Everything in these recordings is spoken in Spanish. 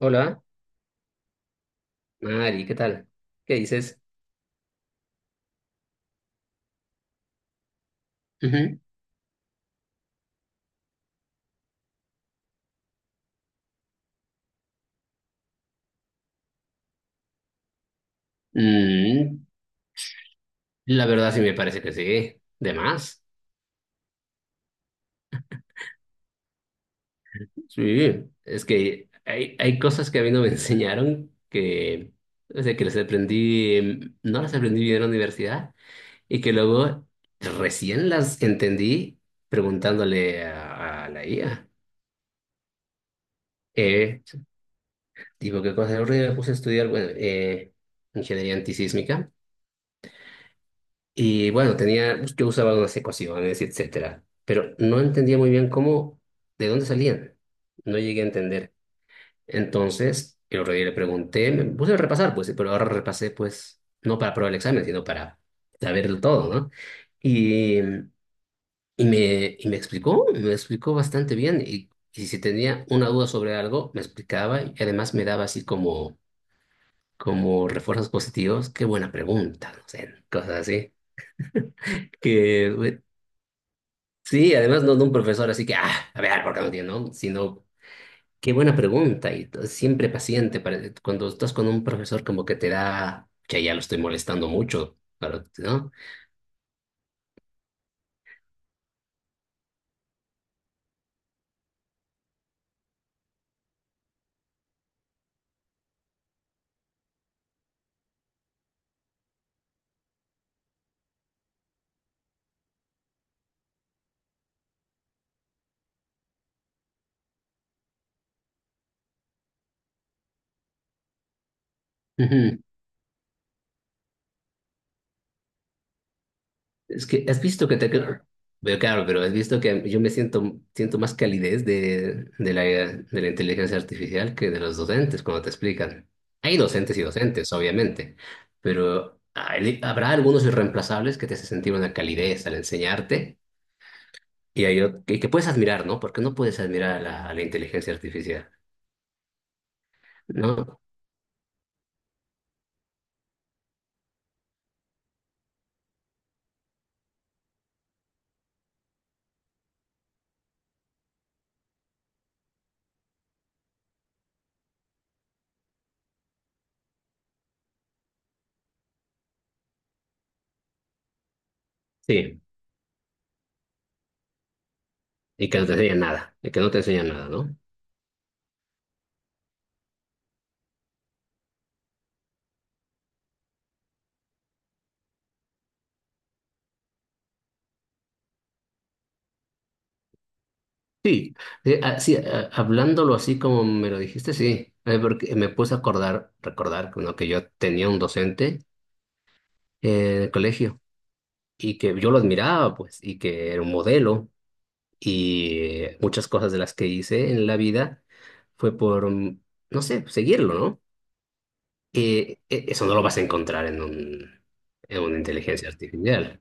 Hola, Mari, ¿qué tal? ¿Qué dices? Ujú. Mm, la verdad sí me parece que sí, de más. Sí, es que hay cosas que a mí no me enseñaron que, o sea, que las aprendí, no las aprendí bien en la universidad y que luego recién las entendí preguntándole a la IA. Eh, Digo, ¿qué cosa? Yo me puse a estudiar, bueno, ingeniería antisísmica. Y bueno, tenía, pues, yo usaba unas ecuaciones, etcétera, pero no entendía muy bien cómo, de dónde salían. No llegué a entender. Entonces, el otro día le pregunté, me puse a repasar, pues, pero ahora repasé, pues, no para probar el examen, sino para saberlo todo, ¿no? Y, y y me explicó bastante bien. Y si tenía una duda sobre algo, me explicaba y además me daba así como refuerzos positivos. Qué buena pregunta, no sé, cosas así que. Sí, además no de un profesor, así que, a ver, ¿por qué no tiene, no? Sino, qué buena pregunta, y siempre paciente, para cuando estás con un profesor como que te da, que ya lo estoy molestando mucho, pero, ¿no? Ujú. Es que, ¿has visto que te...? Pero claro, pero has visto que yo me siento más calidez de la inteligencia artificial que de los docentes cuando te explican. Hay docentes y docentes, obviamente, pero habrá algunos irreemplazables que te hacen sentir una calidez al enseñarte. Y, hay que puedes admirar, ¿no? Porque no puedes admirar a la inteligencia artificial, ¿no? Sí, y que no te enseña nada, y que no te enseña nada, ¿no? Sí, sí, hablándolo así como me lo dijiste, sí. Porque me puse a acordar, recordar, ¿no? Que yo tenía un docente en el colegio y que yo lo admiraba, pues, y que era un modelo y muchas cosas de las que hice en la vida fue por, no sé, seguirlo, ¿no? Eso no lo vas a encontrar en un, en una inteligencia artificial.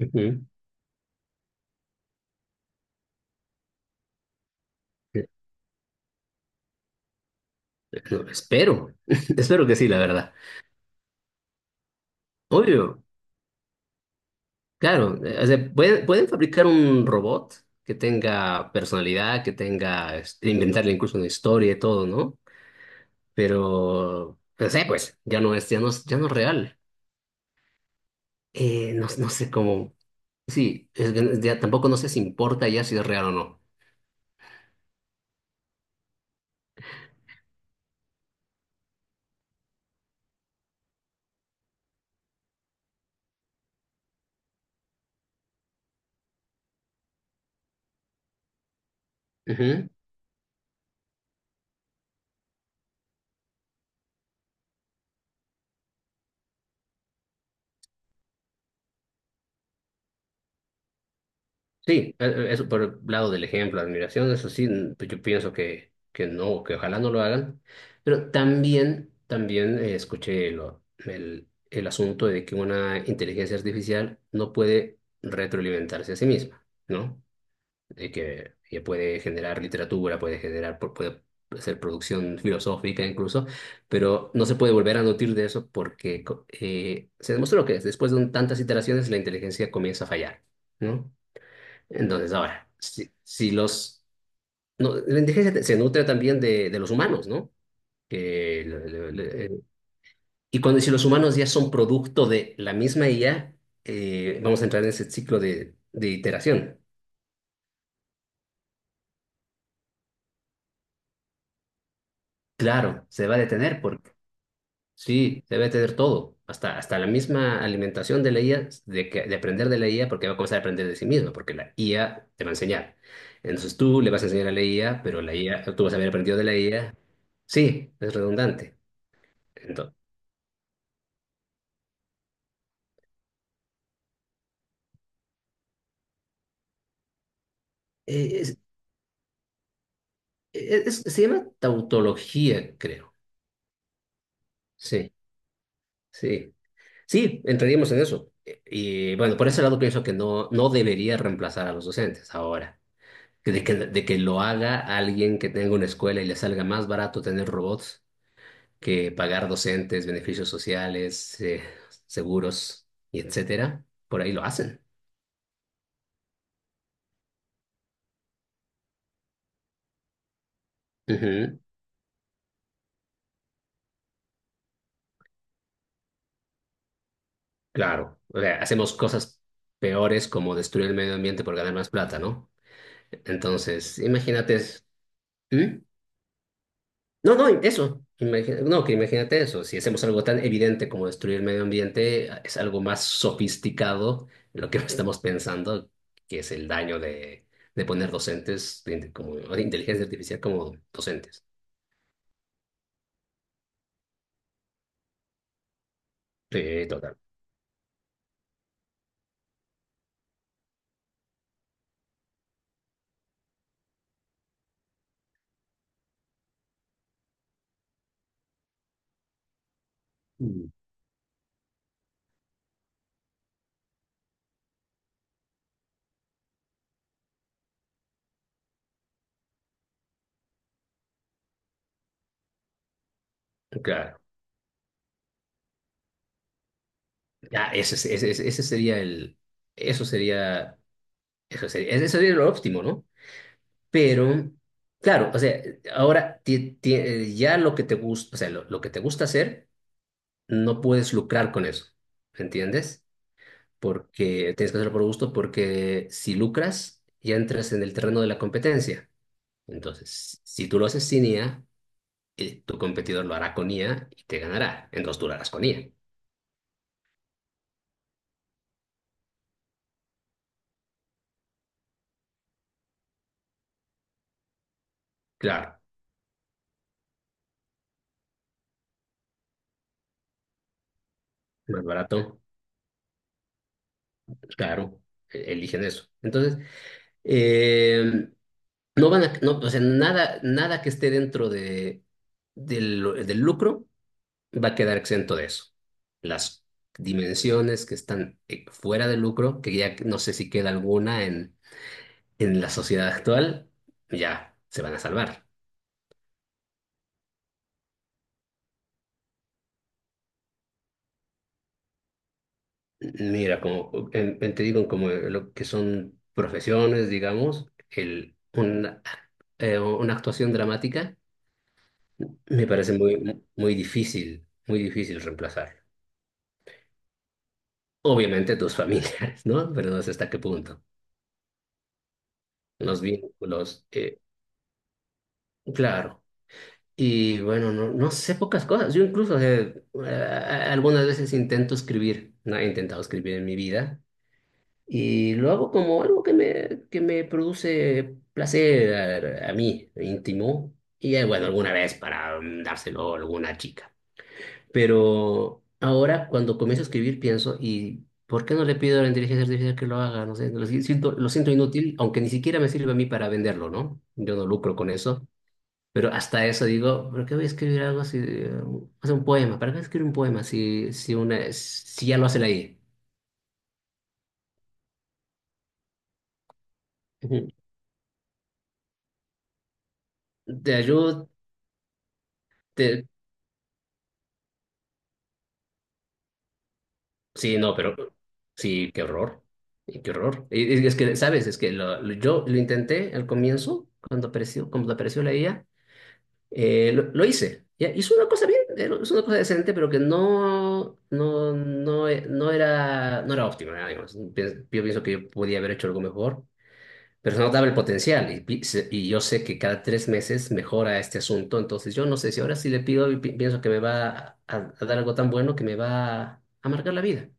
Ujú. No, espero que sí, la verdad. Obvio, claro, o sea, pueden fabricar un robot que tenga personalidad, que tenga, este, inventarle incluso una historia y todo, ¿no? Pero, no sé, pues, ya no es real. No, no sé cómo, sí, es que ya tampoco no sé si importa ya si es real o no. Sí, eso por el lado del ejemplo, admiración, eso sí, pues yo pienso que no, que ojalá no lo hagan. Pero también escuché el asunto de que una inteligencia artificial no puede retroalimentarse a sí misma, ¿no? De que puede generar literatura, puede hacer producción filosófica incluso, pero no se puede volver a nutrir de eso porque se demostró que después de tantas iteraciones la inteligencia comienza a fallar, ¿no? Entonces, ahora, si los... No, la indigencia se nutre también de los humanos, ¿no? Que le- le- le- y cuando si los humanos ya son producto de la misma IA, vamos a entrar en ese ciclo de iteración. Claro, se va a detener porque sí, se va a detener todo, hasta la misma alimentación de la IA, de aprender de la IA, porque va a comenzar a aprender de sí misma, porque la IA te va a enseñar. Entonces tú le vas a enseñar a la IA, pero la IA, tú vas a haber aprendido de la IA. Sí, es redundante. Ento- eh, es- se llama tautología, creo. Sí, sí. Sí, entraríamos en eso. Y bueno, por ese lado pienso que no, no debería reemplazar a los docentes ahora. De que lo haga alguien que tenga una escuela y le salga más barato tener robots que pagar docentes, beneficios sociales, seguros y etcétera. Por ahí lo hacen. Ujú. Claro. O sea, hacemos cosas peores como destruir el medio ambiente por ganar más plata, ¿no? Entonces, imagínate. ¿Mm? No, no, eso. No, que imagínate eso. Si hacemos algo tan evidente como destruir el medio ambiente, es algo más sofisticado lo que estamos pensando, que es el daño de poner docentes o de inteligencia artificial como docentes. Sí, total. Mm. Claro. Ya, ese sería el. Eso sería. Eso sería lo óptimo, ¿no? Pero, claro, o sea, ahora ya lo que te gusta, o sea, lo que te gusta hacer. No puedes lucrar con eso, ¿entiendes? Porque tienes que hacerlo por gusto, porque si lucras, ya entras en el terreno de la competencia. Entonces, si tú lo haces sin IA, tu competidor lo hará con IA y te ganará. Entonces tú lo harás con IA. Claro, más barato, claro, eligen eso. Entonces, eh, no van a, no, o sea, nada que esté dentro del lucro va a quedar exento de eso. Las dimensiones que están fuera de lucro, que ya no sé si queda alguna en la sociedad actual, ya se van a salvar. Mira, como te digo, como lo que son profesiones, digamos, una actuación dramática me parece muy, muy difícil reemplazar. Obviamente tus familiares, ¿no? Pero no sé hasta qué punto. Los vínculos, claro. Y bueno, no, no sé pocas cosas. Yo incluso, o sea, algunas veces intento escribir, no he intentado escribir en mi vida, y lo hago como algo que me produce placer a mí, íntimo, y bueno, alguna vez para dárselo a alguna chica. Pero ahora cuando comienzo a escribir pienso, ¿y por qué no le pido a la inteligencia artificial que lo haga? No sé, lo siento inútil, aunque ni siquiera me sirve a mí para venderlo, ¿no? Yo no lucro con eso. Pero hasta eso digo, ¿por qué voy a escribir algo si...? O sea, un poema, ¿para qué escribir un poema si ya lo hace la IA? Ujú. Te ayudo, te... Sí, no, pero... Sí, qué horror. Y qué horror. Y es que, ¿sabes? Es que yo lo intenté al comienzo, cuando apareció la IA, lo hice. Ya, hizo una cosa bien, hizo una cosa decente, pero que no, no, no, no era óptima, digamos. Yo pienso que yo podía haber hecho algo mejor. Pero se notaba el potencial y yo sé que cada 3 meses mejora este asunto, entonces yo no sé si ahora sí le pido y pienso que me va a dar algo tan bueno que me va a amargar la vida,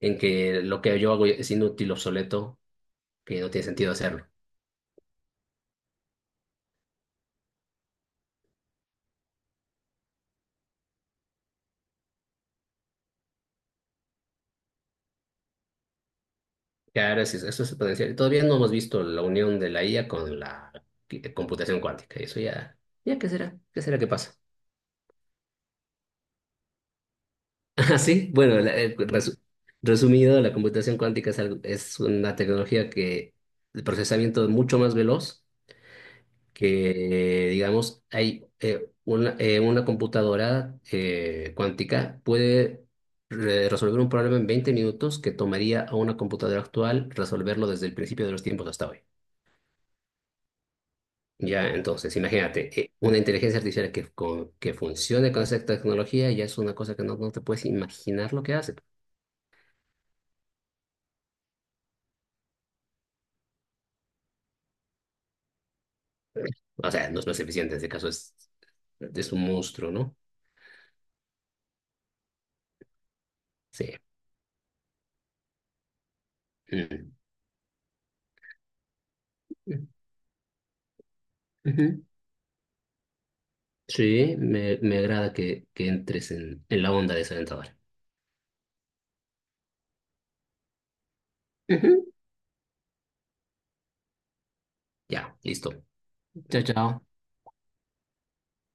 en que lo que yo hago es inútil, obsoleto, que no tiene sentido hacerlo. Claro, eso es el potencial. Todavía no hemos visto la unión de la IA con la computación cuántica, y eso ya, ¿qué será? ¿Qué será que pasa? Ah, sí, bueno, resumido, la computación cuántica es una tecnología que el procesamiento es mucho más veloz que, digamos, hay una computadora cuántica puede resolver un problema en 20 minutos que tomaría a una computadora actual resolverlo desde el principio de los tiempos hasta hoy. Ya, entonces, imagínate, una inteligencia artificial que funcione con esa tecnología ya es una cosa que no te puedes imaginar lo que hace. O sea, no es eficiente, en este caso es un monstruo, ¿no? Sí. Mm. Ujú. Sí, me agrada que entres en la onda de esa dentadora. Ujú. Ya, listo. Chao, chao.